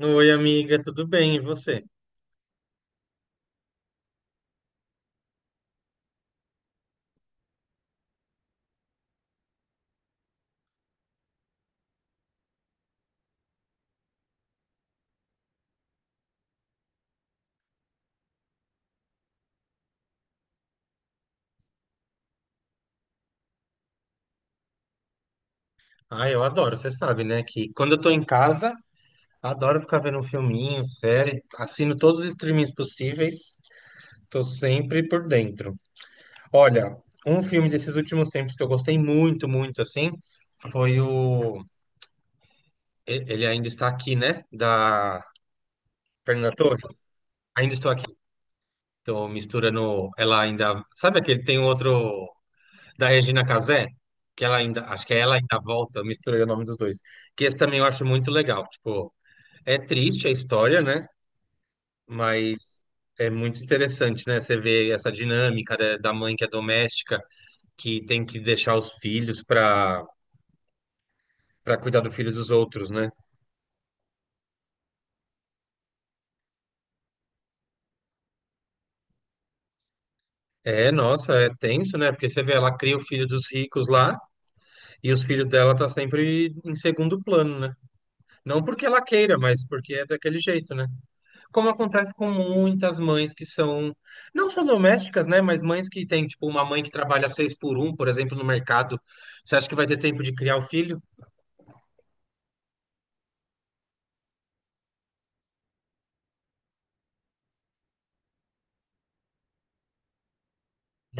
Oi, amiga, tudo bem? E você? Ah, eu adoro, você sabe, né? Que quando eu tô em casa, adoro ficar vendo um filminho, série, assino todos os streamings possíveis, tô sempre por dentro. Olha, um filme desses últimos tempos que eu gostei muito, muito, assim, foi o. Ele ainda está aqui, né? Da Fernanda Torres. Ainda estou aqui. Tô misturando. Ela ainda. Sabe aquele tem um outro. Da Regina Casé, que ela ainda, acho que é ela ainda volta, eu misturei o nome dos dois. Que esse também eu acho muito legal. Tipo, é triste a história, né? Mas é muito interessante, né? Você vê essa dinâmica da mãe que é doméstica, que tem que deixar os filhos para cuidar do filho dos outros, né? É, nossa, é tenso, né? Porque você vê, ela cria o filho dos ricos lá e os filhos dela tá sempre em segundo plano, né? Não porque ela queira, mas porque é daquele jeito, né? Como acontece com muitas mães que são, não só domésticas, né, mas mães que têm, tipo, uma mãe que trabalha seis por um, por exemplo, no mercado. Você acha que vai ter tempo de criar o filho?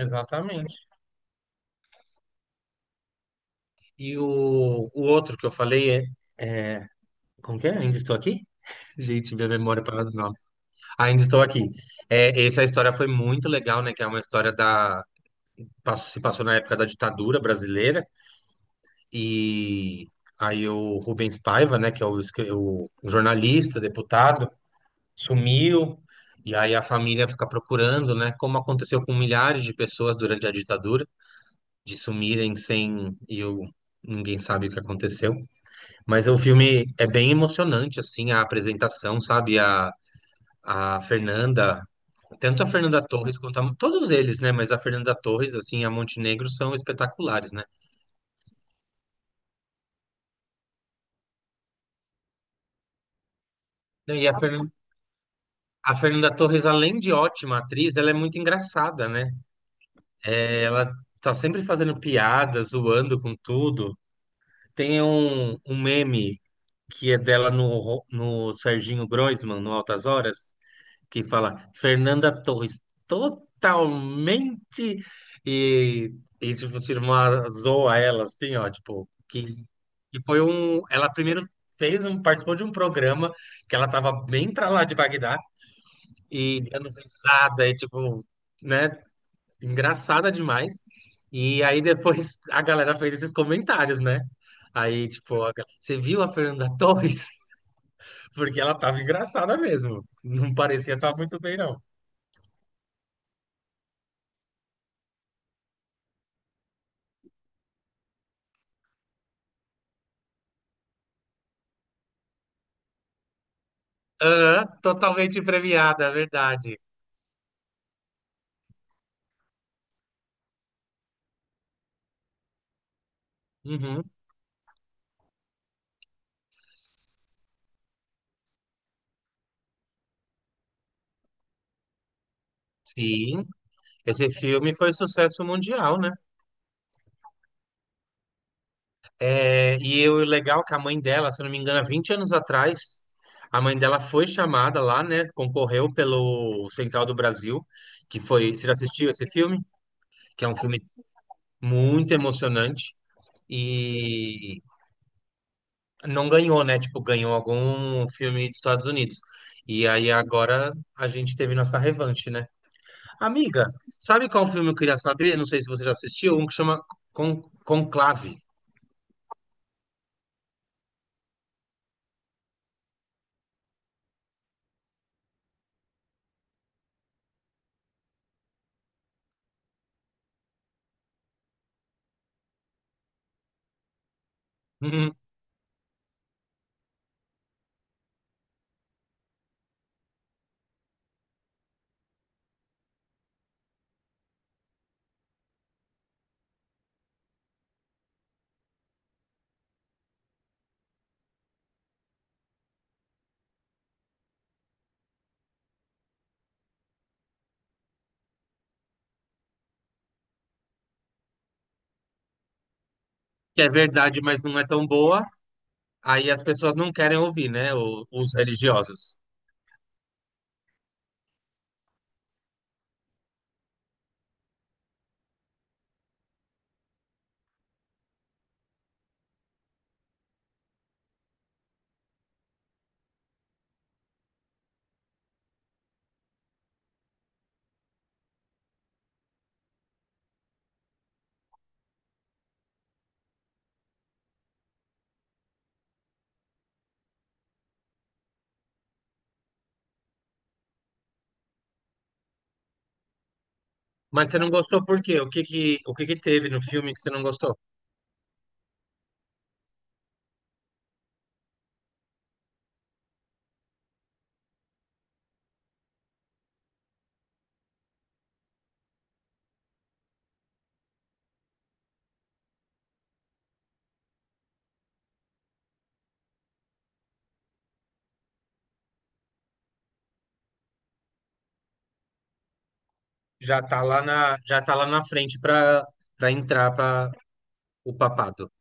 Exatamente. E o outro que eu falei é, é- como que é? Ainda estou aqui? Gente, minha memória para os nomes. Ainda estou aqui. É, essa história foi muito legal, né? Que é uma história da... Se passou na época da ditadura brasileira e... Aí o Rubens Paiva, né, que é o, o jornalista, deputado, sumiu, e aí a família fica procurando, né? Como aconteceu com milhares de pessoas durante a ditadura, de sumirem sem e ninguém sabe o que aconteceu. Mas o filme é bem emocionante, assim, a apresentação, sabe? A Fernanda, tanto a Fernanda Torres quanto a, todos eles, né? Mas a Fernanda Torres, assim, e a Montenegro são espetaculares, né? E a, Fer, a Fernanda Torres, além de ótima atriz, ela é muito engraçada, né? É, ela tá sempre fazendo piada, zoando com tudo. Tem um meme que é dela no, no Serginho Groisman, no Altas Horas, que fala Fernanda Torres totalmente e, e tipo, tira uma zoa ela assim, ó, tipo, que foi um. Ela primeiro fez um, participou de um programa que ela tava bem pra lá de Bagdá e dando risada, e tipo, né? Engraçada demais. E aí depois a galera fez esses comentários, né? Aí, tipo, a você viu a Fernanda Torres? Porque ela tava engraçada mesmo. Não parecia estar muito bem, não. Aham, totalmente premiada, é verdade. Uhum, sim. Esse filme foi sucesso mundial, né? É, e eu, o legal é que a mãe dela, se eu não me engano, há 20 anos atrás, a mãe dela foi chamada lá, né? Concorreu pelo Central do Brasil, que foi. Você já assistiu esse filme? Que é um filme muito emocionante e não ganhou, né? Tipo, ganhou algum filme dos Estados Unidos. E aí agora a gente teve nossa revanche, né? Amiga, sabe qual filme eu queria saber? Não sei se você já assistiu, um que chama Con Conclave, uhum. Que é verdade, mas não é tão boa. Aí as pessoas não querem ouvir, né? Os religiosos. Mas você não gostou por quê? O que que teve no filme que você não gostou? Já tá lá na, já tá lá na frente para entrar para o papado.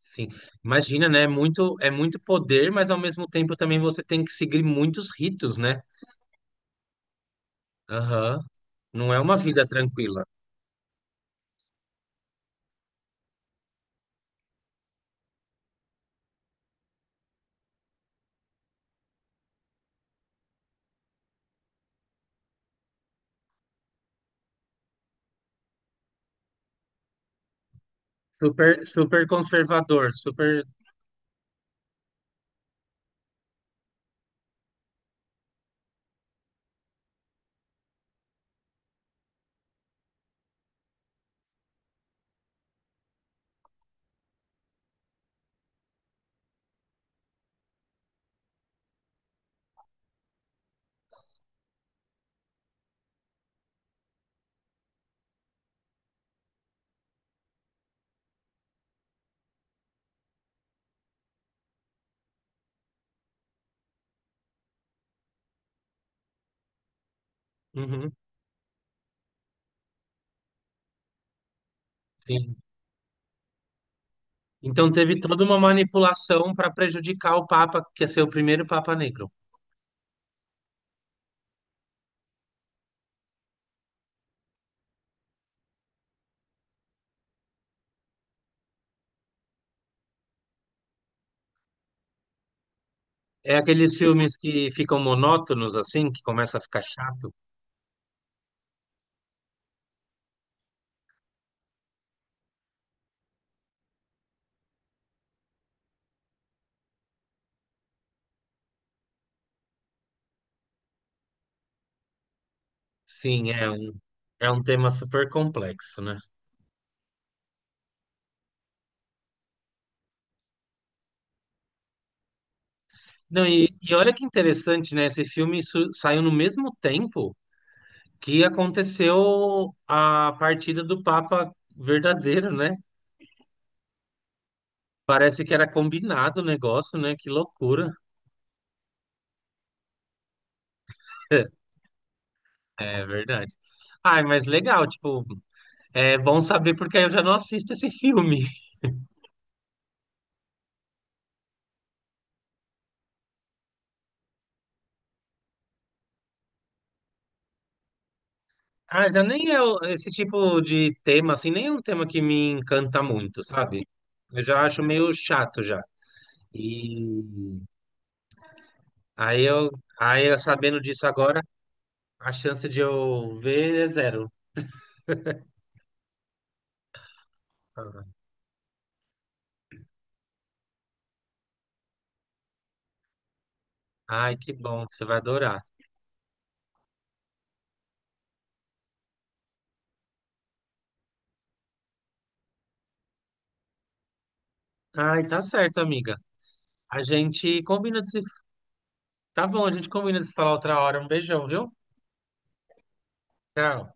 Sim, imagina, né? É muito, é muito poder, mas ao mesmo tempo também você tem que seguir muitos ritos, né? Aham. Não é uma vida tranquila. Super, super conservador, super. Uhum, sim. Então teve toda uma manipulação para prejudicar o Papa, que ia ser o primeiro Papa Negro. É aqueles filmes que ficam monótonos assim, que começa a ficar chato. Sim, é um tema super complexo, né? Não, e olha que interessante, né? Esse filme saiu no mesmo tempo que aconteceu a partida do Papa verdadeiro, né? Parece que era combinado o negócio, né? Que loucura. É verdade. Ai, mas legal, tipo, é bom saber porque aí eu já não assisto esse filme. Ah, já nem é esse tipo de tema, assim, nem é um tema que me encanta muito, sabe? Eu já acho meio chato já. E aí eu, aí eu sabendo disso agora, a chance de eu ver é zero. Ah, ai, que bom, você vai adorar. Ai, tá certo, amiga. A gente combina de se. Tá bom, a gente combina de se falar outra hora. Um beijão, viu? Tchau.